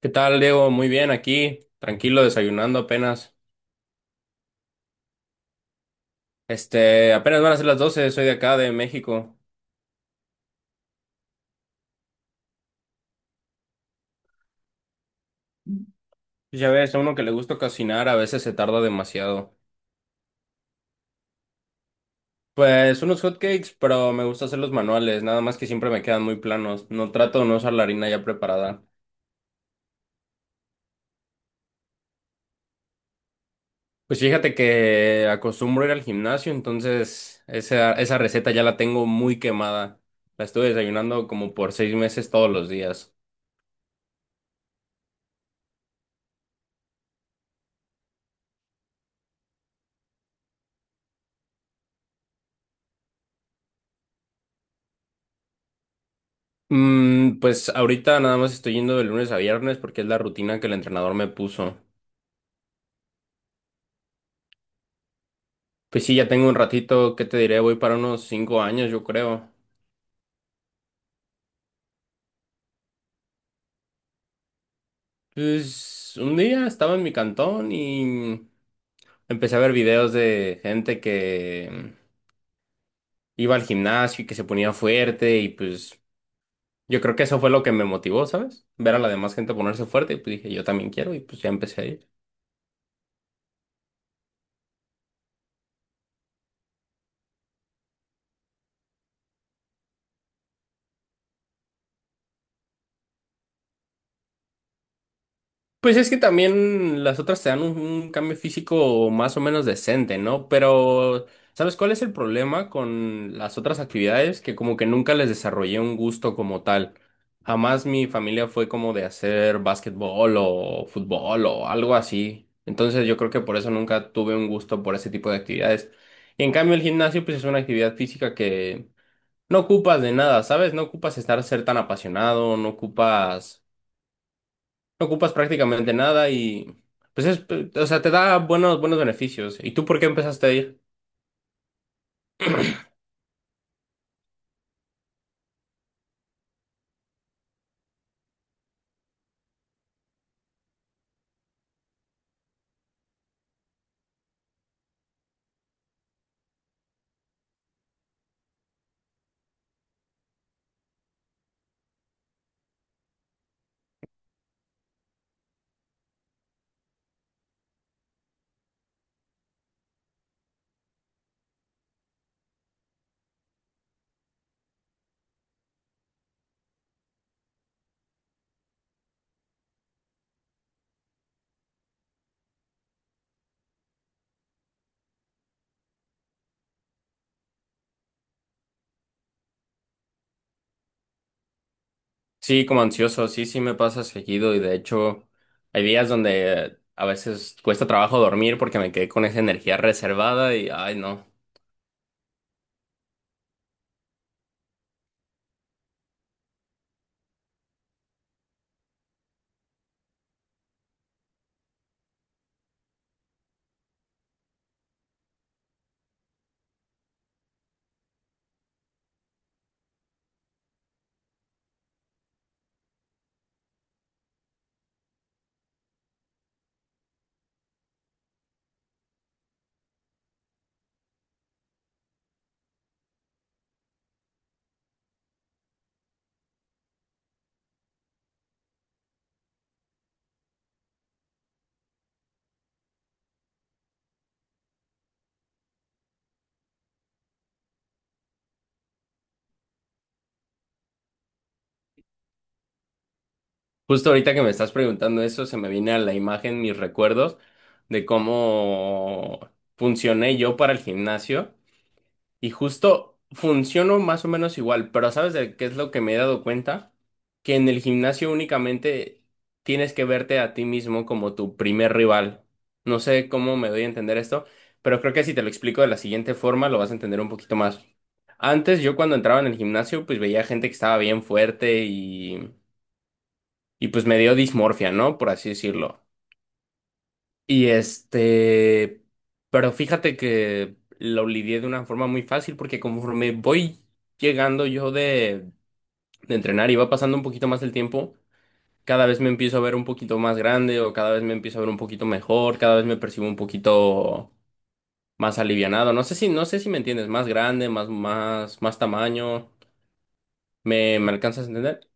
¿Qué tal, Diego? Muy bien, aquí, tranquilo, desayunando apenas. Apenas van a ser las 12. Soy de acá, de México. Pues, ya ves, a uno que le gusta cocinar a veces se tarda demasiado. Pues unos hotcakes, pero me gusta hacer los manuales, nada más que siempre me quedan muy planos. No trato de no usar la harina ya preparada. Pues fíjate que acostumbro ir al gimnasio, entonces esa receta ya la tengo muy quemada. La estuve desayunando como por 6 meses todos los días. Pues ahorita nada más estoy yendo de lunes a viernes porque es la rutina que el entrenador me puso. Pues sí, ya tengo un ratito, ¿qué te diré? Voy para unos 5 años, yo creo. Pues un día estaba en mi cantón y empecé a ver videos de gente que iba al gimnasio y que se ponía fuerte y pues yo creo que eso fue lo que me motivó, ¿sabes? Ver a la demás gente ponerse fuerte y pues dije, yo también quiero y pues ya empecé a ir. Pues es que también las otras te dan un cambio físico más o menos decente, ¿no? Pero, ¿sabes cuál es el problema con las otras actividades? Que como que nunca les desarrollé un gusto como tal. Jamás mi familia fue como de hacer básquetbol o fútbol o algo así. Entonces yo creo que por eso nunca tuve un gusto por ese tipo de actividades. Y en cambio el gimnasio pues es una actividad física que no ocupas de nada, ¿sabes? No ocupas estar ser tan apasionado, no ocupas prácticamente nada y pues es, o sea, te da buenos, buenos beneficios. ¿Y tú por qué empezaste a ir? Sí, como ansioso, sí, sí me pasa seguido y de hecho hay días donde a veces cuesta trabajo dormir porque me quedé con esa energía reservada y ay no. Justo ahorita que me estás preguntando eso, se me viene a la imagen mis recuerdos de cómo funcioné yo para el gimnasio. Y justo funciono más o menos igual, pero ¿sabes de qué es lo que me he dado cuenta? Que en el gimnasio únicamente tienes que verte a ti mismo como tu primer rival. No sé cómo me doy a entender esto, pero creo que si te lo explico de la siguiente forma lo vas a entender un poquito más. Antes yo cuando entraba en el gimnasio pues veía gente que estaba bien fuerte y pues me dio dismorfia, ¿no? Por así decirlo. Y pero fíjate que lo lidié de una forma muy fácil porque conforme voy llegando yo de entrenar y va pasando un poquito más el tiempo, cada vez me empiezo a ver un poquito más grande o cada vez me empiezo a ver un poquito mejor, cada vez me percibo un poquito más alivianado. No sé si me entiendes, más grande, más tamaño. ¿Me alcanzas a entender?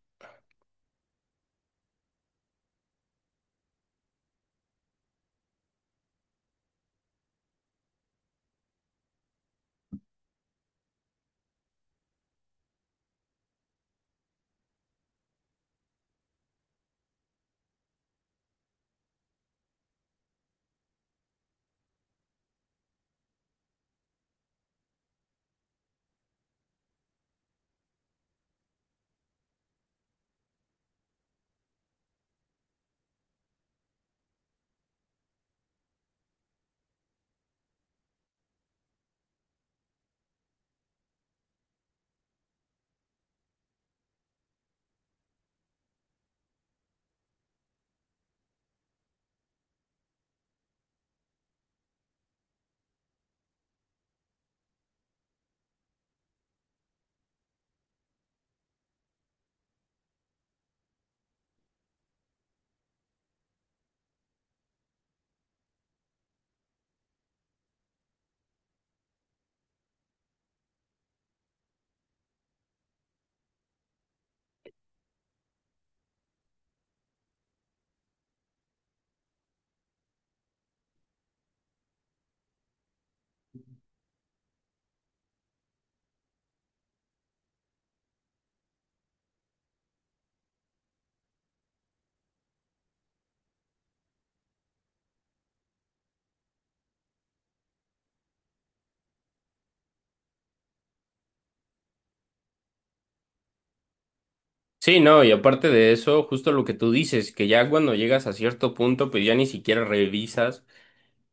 Sí, no, y aparte de eso, justo lo que tú dices, que ya cuando llegas a cierto punto, pues ya ni siquiera revisas.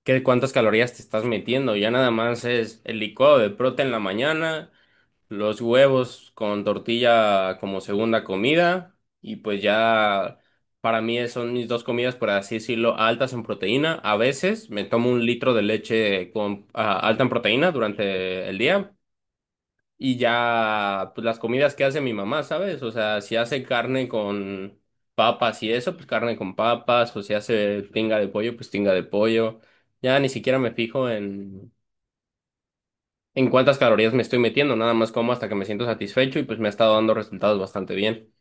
Qué cuántas calorías te estás metiendo. Ya nada más es el licuado de proteína en la mañana, los huevos con tortilla como segunda comida y pues ya para mí son mis dos comidas, por así decirlo, altas en proteína. A veces me tomo un litro de leche con, alta en proteína durante el día y ya, pues las comidas que hace mi mamá, ¿sabes? O sea, si hace carne con papas y eso, pues carne con papas, o si hace tinga de pollo, pues tinga de pollo. Ya ni siquiera me fijo en cuántas calorías me estoy metiendo, nada más como hasta que me siento satisfecho y pues me ha estado dando resultados bastante bien.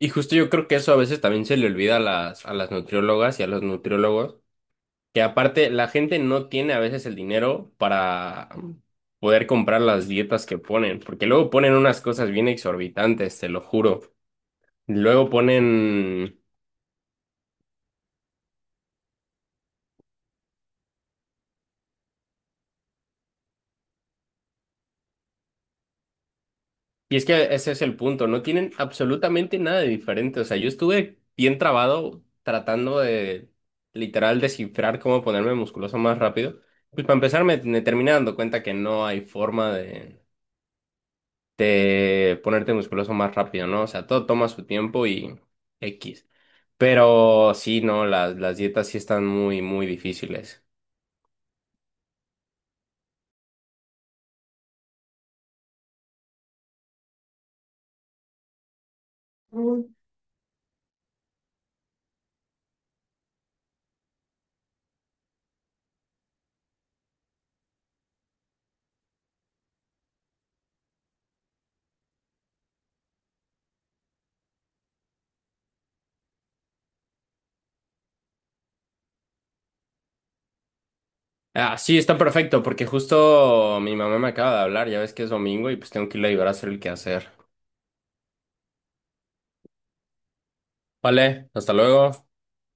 Y justo yo creo que eso a veces también se le olvida a las nutriólogas y a los nutriólogos. Que aparte, la gente no tiene a veces el dinero para poder comprar las dietas que ponen, porque luego ponen unas cosas bien exorbitantes, te lo juro. Luego ponen. Y es que ese es el punto, no tienen absolutamente nada de diferente. O sea, yo estuve bien trabado tratando de literal descifrar cómo ponerme musculoso más rápido. Pues para empezar me terminé dando cuenta que no hay forma de ponerte musculoso más rápido, ¿no? O sea, todo toma su tiempo y X. Pero sí, no, las dietas sí están muy, muy difíciles. Mm. Ah, sí, está perfecto, porque justo mi mamá me acaba de hablar, ya ves que es domingo y pues tengo que ir a ayudar a hacer el quehacer. Vale, hasta luego.